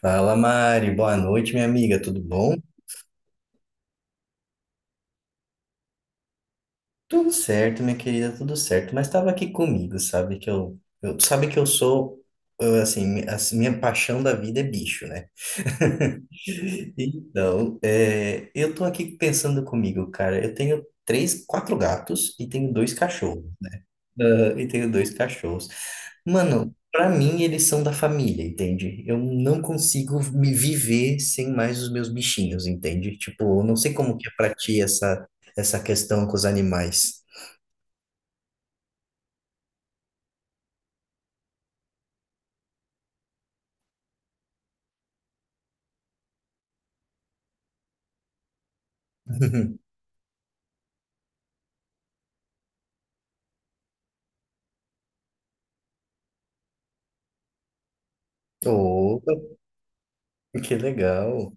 Fala, Mari. Boa noite, minha amiga. Tudo bom? Tudo certo, minha querida, tudo certo. Mas estava aqui comigo, sabe que eu sou eu, assim, mi- assim, minha paixão da vida é bicho, né? Então, eu tô aqui pensando comigo, cara. Eu tenho três, quatro gatos e tenho dois cachorros. Ah, e tenho dois cachorros. Mano, pra mim eles são da família, entende? Eu não consigo me viver sem mais os meus bichinhos, entende? Tipo, eu não sei como que é pra ti essa, essa questão com os animais. Oh, que legal.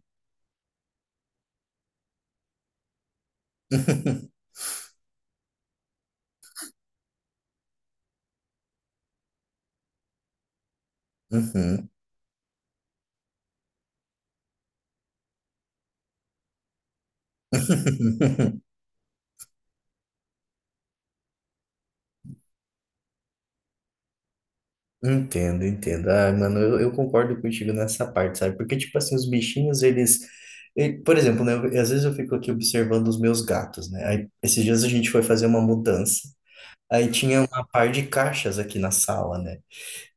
Uhum. Entendo, entendo. Ah, mano, eu concordo contigo nessa parte, sabe? Porque, tipo assim, os bichinhos, eles. Por exemplo, né? Às vezes eu fico aqui observando os meus gatos, né? Aí, esses dias a gente foi fazer uma mudança. Aí tinha uma par de caixas aqui na sala, né?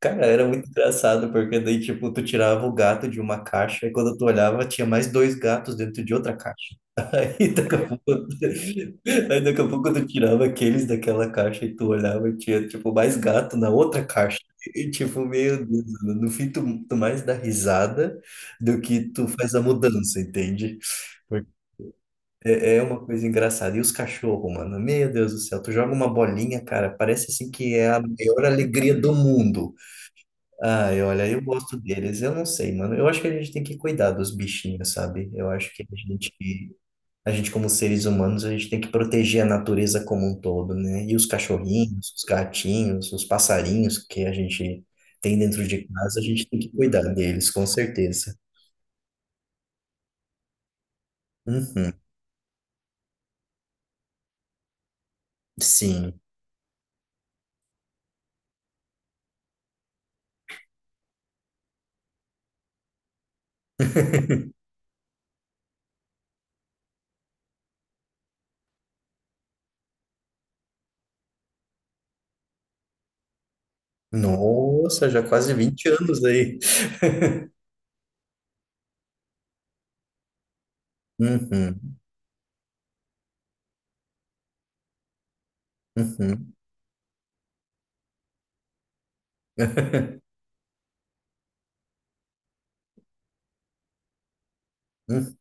Cara, era muito engraçado, porque daí, tipo, tu tirava o gato de uma caixa e quando tu olhava, tinha mais dois gatos dentro de outra caixa. Aí daqui a pouco, daqui a pouco tu tirava aqueles daquela caixa e tu olhava e tinha, tipo, mais gato na outra caixa. E, tipo, meu Deus, mano, no fim tu mais dá risada do que tu faz a mudança, entende? É, é uma coisa engraçada. E os cachorros, mano? Meu Deus do céu, tu joga uma bolinha, cara, parece assim que é a maior alegria do mundo. Ai, olha, eu gosto deles. Eu não sei, mano. Eu acho que a gente tem que cuidar dos bichinhos, sabe? Eu acho que a gente como seres humanos, a gente tem que proteger a natureza como um todo, né? E os cachorrinhos, os gatinhos, os passarinhos que a gente tem dentro de casa, a gente tem que cuidar deles, com certeza. Uhum, sim. Nossa, já quase 20 anos aí. Uhum, uhum, uhum,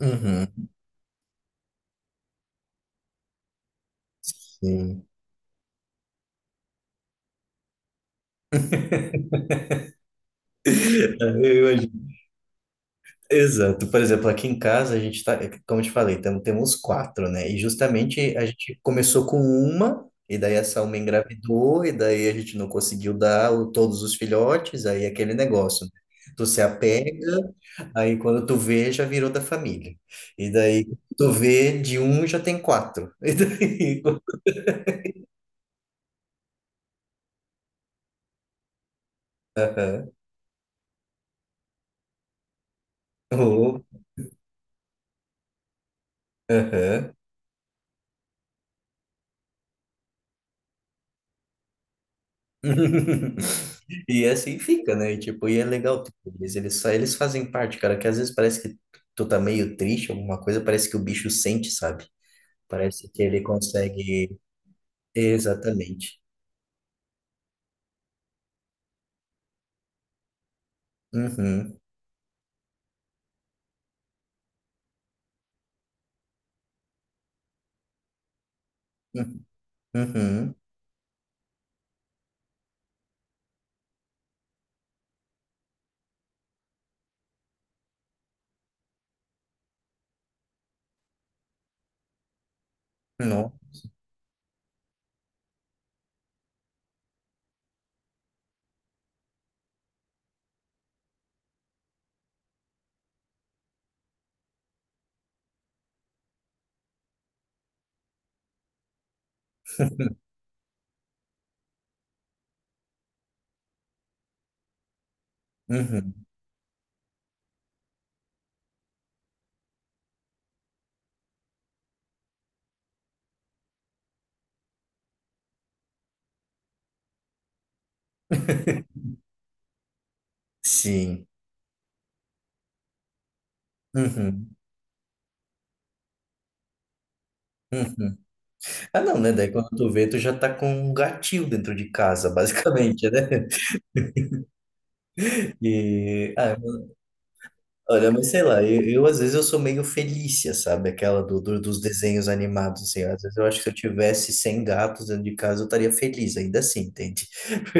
uhum, sim. Eu imagino. Exato. Por exemplo, aqui em casa a gente tá, como eu te falei, temos quatro, né? E justamente a gente começou com uma, e daí essa uma engravidou, e daí a gente não conseguiu dar todos os filhotes, aí é aquele negócio, né? Tu se apega, aí quando tu vê, já virou da família. E daí tu vê, de um já tem quatro. E daí. Aham. Oh, aham. E assim fica, né? E, tipo, e é legal, tipo, eles fazem parte, cara, que às vezes parece que tu tá meio triste, alguma coisa, parece que o bicho sente, sabe? Parece que ele consegue. Exatamente. Uhum. Uhum. Uhum. Não. Uhum. Sim. Uhum. Uhum. Ah, não, né? Daí quando tu vê, tu já tá com um gatil dentro de casa, basicamente, né? E ah, olha, mas sei lá, às vezes eu sou meio Felícia, sabe? Aquela dos desenhos animados, assim. Às vezes eu acho que se eu tivesse 100 gatos dentro de casa, eu estaria feliz, ainda assim, entende?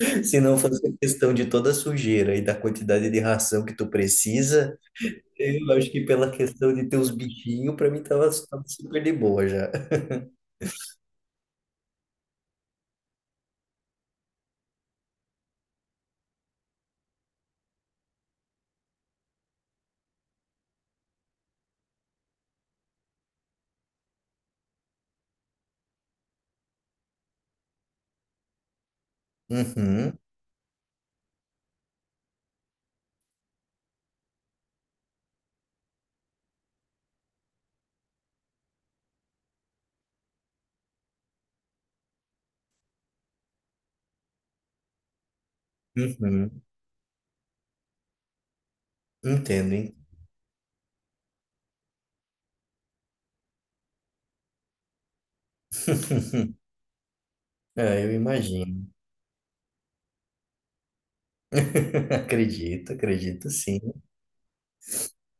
Porque se não fosse a questão de toda a sujeira e da quantidade de ração que tu precisa, eu acho que pela questão de ter os bichinhos, pra mim tava super de boa já. Uhum, uhum, entendo, hein? Ah, eu imagino. Acredito, acredito sim.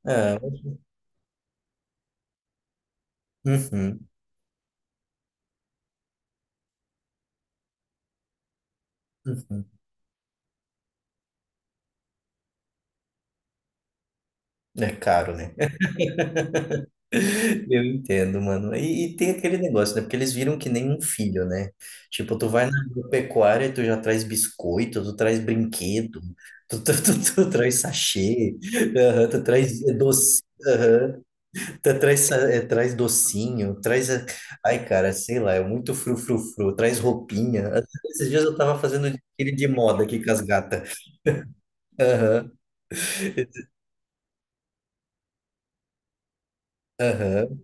Ah, mas- uhum, uhum. É caro, né? Eu entendo, mano. E, tem aquele negócio, né? Porque eles viram que nem um filho, né? Tipo, tu vai na agropecuária e tu já traz biscoito, tu traz brinquedo, tu traz sachê, aham, tu traz doce, aham, tu traz, traz docinho, Ai, cara, sei lá, é muito frufrufru, traz roupinha. Esses dias eu tava fazendo aquele de moda aqui com as gatas. Aham, aham.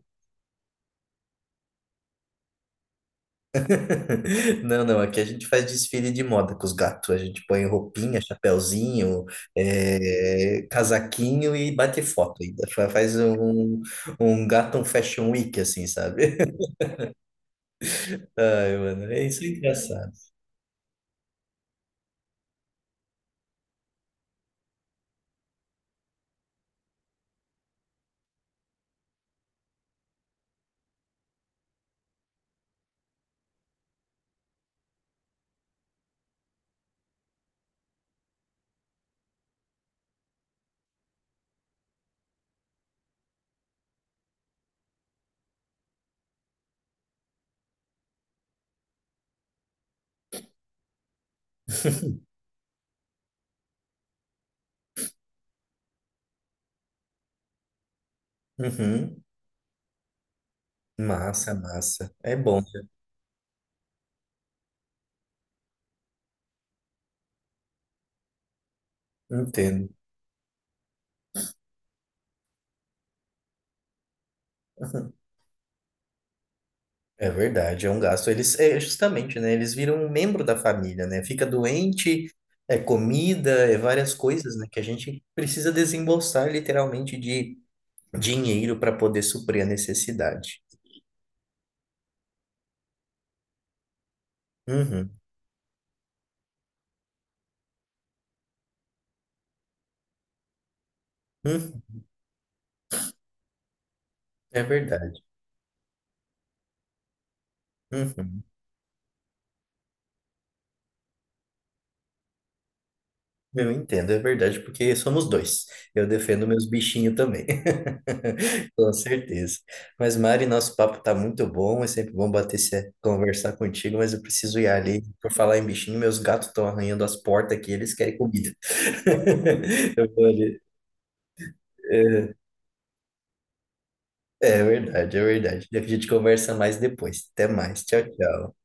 Não, não, aqui a gente faz desfile de moda com os gatos. A gente põe roupinha, chapéuzinho, casaquinho e bate foto ainda. Faz um gato um fashion week, assim, sabe? Ai, mano, é isso é engraçado. Uhum. Massa, massa. É bom, né? Entendo. É verdade, é um gasto. Eles, é justamente, né? Eles viram um membro da família, né? Fica doente, é comida, é várias coisas, né? Que a gente precisa desembolsar literalmente de dinheiro para poder suprir a necessidade. Uhum, uhum, é verdade. Uhum. Eu entendo, é verdade, porque somos dois. Eu defendo meus bichinhos também. Com certeza. Mas, Mari, nosso papo tá muito bom. É sempre bom bater esse, conversar contigo, mas eu preciso ir ali. Por falar em bichinho, meus gatos estão arranhando as portas aqui, eles querem comida. Eu vou ali. É, é verdade, é verdade. A gente conversa mais depois. Até mais. Tchau, tchau.